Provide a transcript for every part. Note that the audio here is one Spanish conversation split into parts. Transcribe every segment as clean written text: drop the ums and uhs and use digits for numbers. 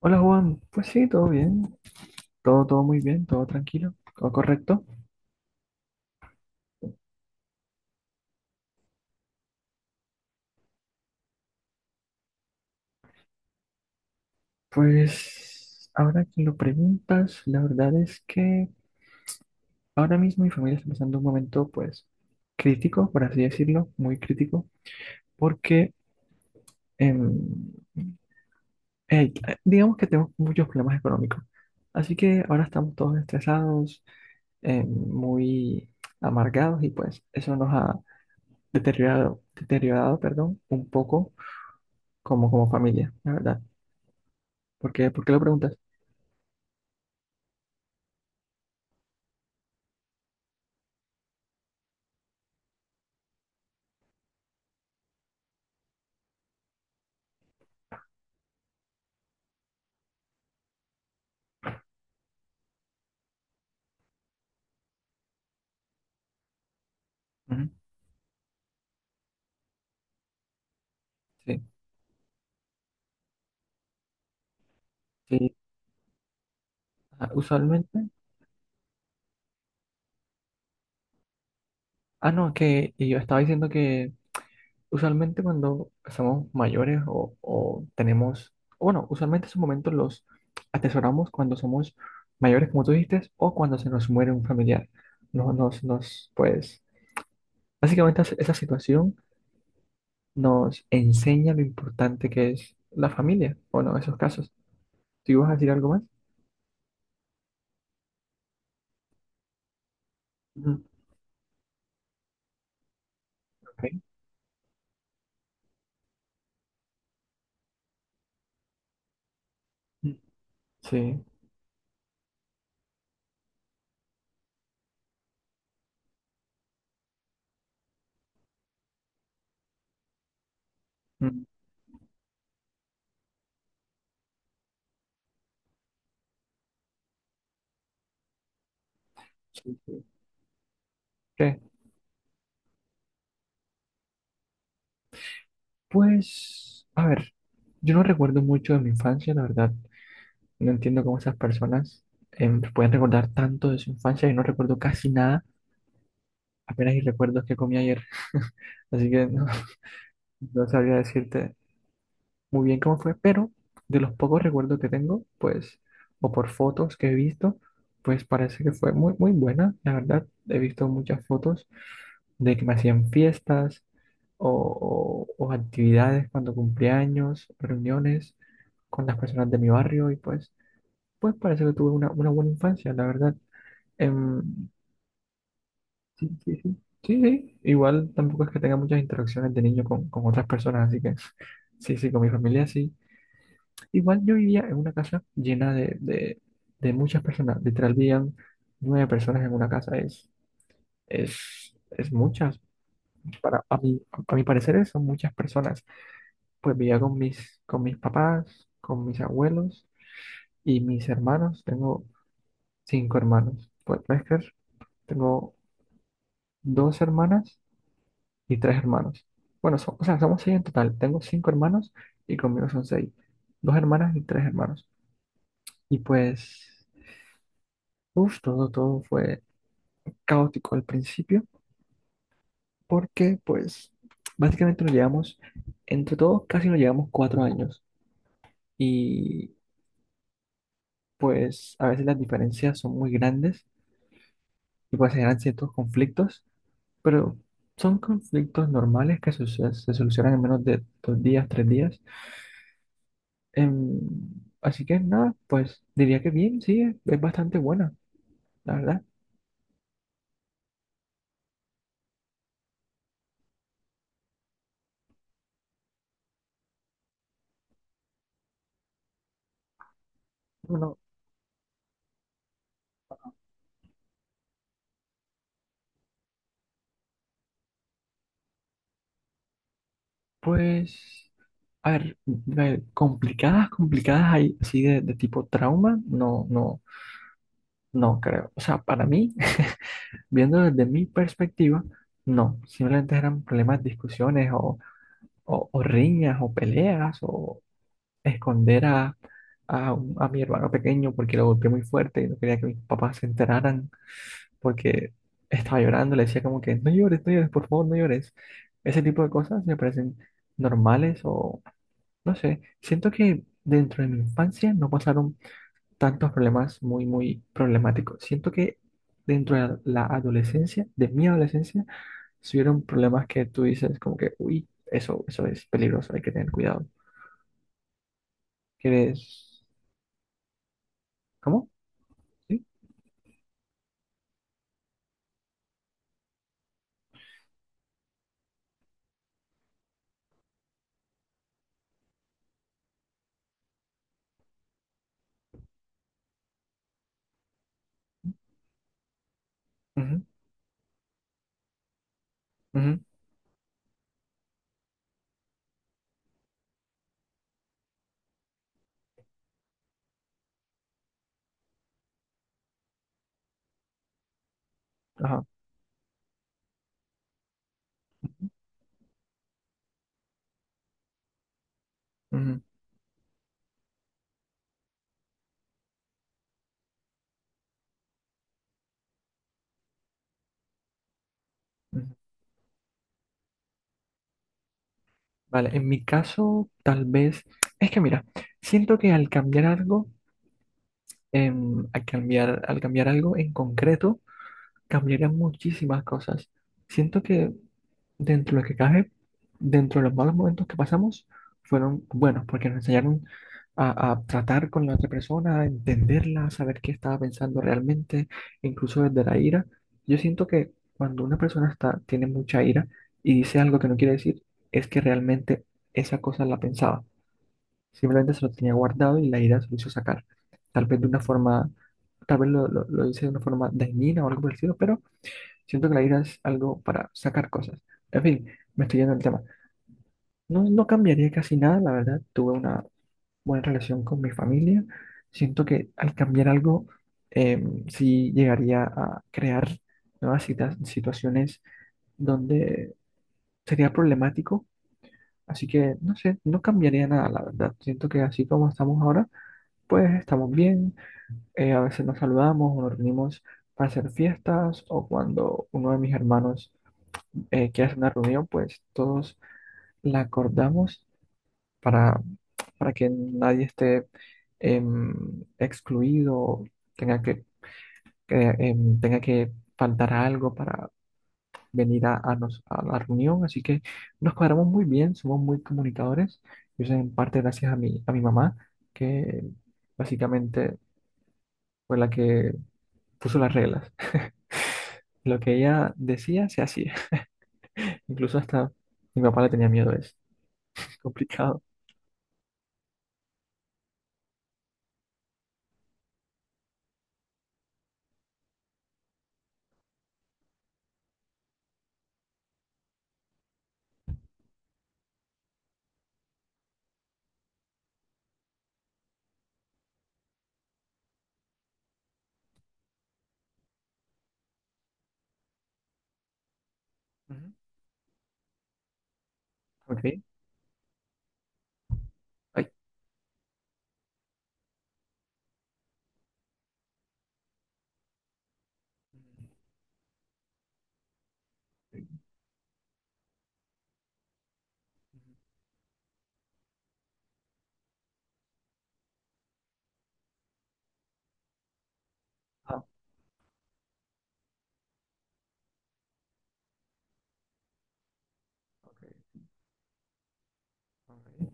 Hola Juan, pues sí, todo bien, todo muy bien, todo tranquilo, todo correcto. Pues ahora que lo preguntas, la verdad es que ahora mismo mi familia está pasando un momento pues crítico, por así decirlo, muy crítico, porque em, eh, digamos que tenemos muchos problemas económicos. Así que ahora estamos todos estresados, muy amargados y pues eso nos ha deteriorado, perdón, un poco como familia, la verdad. ¿Por qué? ¿Por qué lo preguntas? Ujú. Sí, sí. Ah, usualmente. Ah, no, que y yo estaba diciendo que usualmente cuando somos mayores o tenemos, o bueno, usualmente esos momentos los atesoramos cuando somos mayores, como tú dijiste, o cuando se nos muere un familiar. No, pues, básicamente esa situación nos enseña lo importante que es la familia, bueno, en esos casos. ¿Tú ibas a decir algo más? Ujú. Ok. Mm. Sí. Mm. Sí, sí. ¿Qué? Pues, a ver, yo no recuerdo mucho de mi infancia, la verdad. No entiendo cómo esas personas pueden recordar tanto de su infancia. Y no recuerdo casi nada, apenas y recuerdo qué comí ayer. Así que no, no sabría decirte muy bien cómo fue, pero de los pocos recuerdos que tengo, pues, o por fotos que he visto, pues parece que fue muy, muy buena. La verdad, he visto muchas fotos de que me hacían fiestas o, o actividades cuando cumplía años, reuniones con las personas de mi barrio y pues, pues parece que tuve una buena infancia, la verdad. Em, sí, sí, sí. Sí, sí. Igual tampoco es que tenga muchas interacciones de niño con otras personas, así que sí, sí, con mi familia sí. Igual yo vivía en una casa llena de muchas personas. Literal vivían nueve personas en una casa. Es muchas. Para, a mí, a mi parecer son muchas personas. Pues vivía con mis papás, con mis abuelos y mis hermanos. Tengo cinco hermanos. Pues puedes creer, tengo dos hermanas y tres hermanos. Bueno, o sea, somos seis en total. Tengo cinco hermanos y conmigo son seis. Dos hermanas y tres hermanos. Y pues, uff, todo fue caótico al principio, porque pues básicamente nos llevamos, entre todos casi nos llevamos 4 años y pues a veces las diferencias son muy grandes y pues se generan ciertos conflictos, pero son conflictos normales que solucionan en menos de 2 días, 3 días. Em, Así que nada, pues diría que bien, sí, es bastante buena, la verdad. Bueno, pues, a ver, complicadas, complicadas hay así de tipo trauma, no, no. No creo. O sea, para mí, viendo desde mi perspectiva, no. Simplemente eran problemas, discusiones o riñas o peleas o esconder a mi hermano pequeño porque lo golpeé muy fuerte y no quería que mis papás se enteraran porque estaba llorando. Le decía como que no llores, no llores, por favor, no llores. Ese tipo de cosas me parecen normales o no sé. Siento que dentro de mi infancia no pasaron tantos problemas muy, muy problemáticos. Siento que dentro de la adolescencia, de mi adolescencia, si hubieron problemas que tú dices como que, uy, eso es peligroso, hay que tener cuidado. ¿Quieres? ¿Cómo? ¿Sí? Ujú, ujú, ajá, ujú, ujú. Vale, en mi caso, tal vez, es que mira, siento que al cambiar algo, al cambiar algo en concreto, cambiarían muchísimas cosas. Siento que dentro de lo que cabe, dentro de los malos momentos que pasamos, fueron buenos porque nos enseñaron a tratar con la otra persona, a entenderla, a saber qué estaba pensando realmente, incluso desde la ira. Yo siento que cuando una persona está, tiene mucha ira y dice algo que no quiere decir, es que realmente esa cosa la pensaba. Simplemente se lo tenía guardado y la ira se lo hizo sacar. Tal vez de una forma, tal vez lo hice de una forma dañina o algo parecido, pero siento que la ira es algo para sacar cosas. En fin, me estoy yendo del tema. No, no cambiaría casi nada, la verdad. Tuve una buena relación con mi familia. Siento que al cambiar algo, eh, sí llegaría a crear nuevas situaciones donde sería problemático. Así que, no sé, no cambiaría nada, la verdad. Siento que así como estamos ahora, pues estamos bien. A veces nos saludamos o nos reunimos para hacer fiestas o cuando uno de mis hermanos quieras una reunión, pues todos la acordamos para, para que nadie esté excluido, tenga que, tenga que faltar a algo para venir a la reunión. Así que nos cuadramos muy bien, somos muy comunicadores. Y eso en parte gracias a mi mamá, que básicamente fue la que puso las reglas. Lo que ella decía se hacía. Incluso hasta mi papá le tenía miedo a eso. Es complicado. Ujú. Ok. Ay. Ah, ok, ok.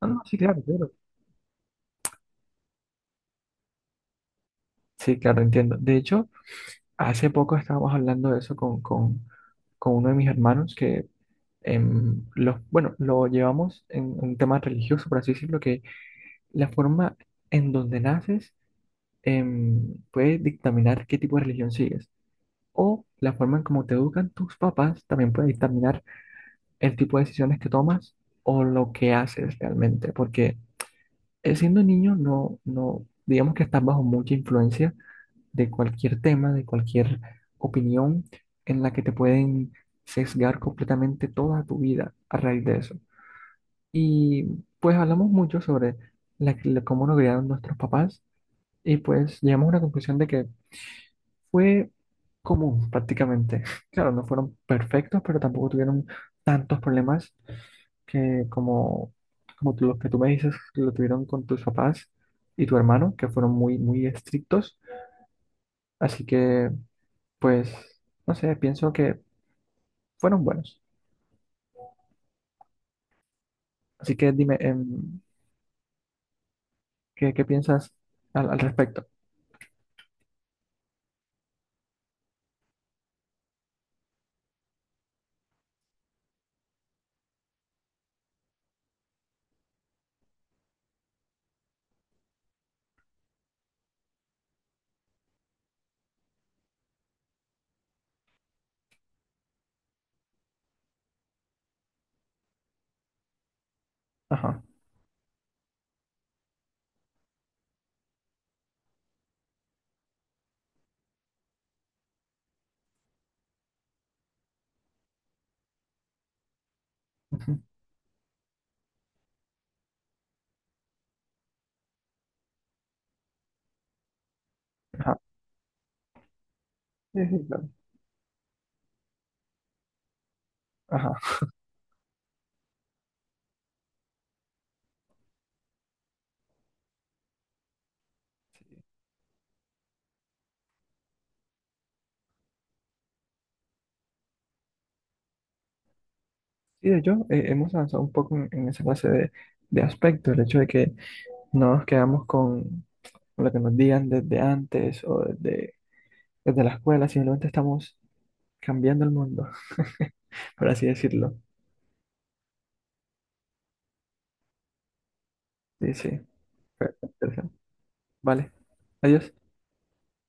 No, no. Mm. Sí, claro, claro. Sí, claro, entiendo. De hecho, hace poco estábamos hablando de eso con, con uno de mis hermanos que bueno, lo llevamos en un tema religioso, por así decirlo, que la forma en donde naces puede dictaminar qué tipo de religión sigues. O la forma en cómo te educan tus papás también puede dictaminar el tipo de decisiones que tomas o lo que haces realmente. Porque siendo niño no, no, digamos que estás bajo mucha influencia de cualquier tema, de cualquier opinión en la que te pueden sesgar completamente toda tu vida a raíz de eso. Y pues hablamos mucho sobre cómo nos criaron nuestros papás y pues llegamos a una conclusión de que fue común prácticamente. Claro, no fueron perfectos, pero tampoco tuvieron tantos problemas que lo que tú me dices, que lo tuvieron con tus papás y tu hermano, que fueron muy, muy estrictos. Así que, pues, no sé, pienso que fueron buenos. Así que dime, ¿qué piensas al respecto? Ajá. Ujú. Ajá. Sí, sí, claro. Ajá. Sí, de hecho, hemos avanzado un poco en esa clase de aspectos, el hecho de que no nos quedamos con lo que nos digan desde antes o desde la escuela, simplemente estamos cambiando el mundo, por así decirlo. Sí, sí, fue interesante. Vale, adiós.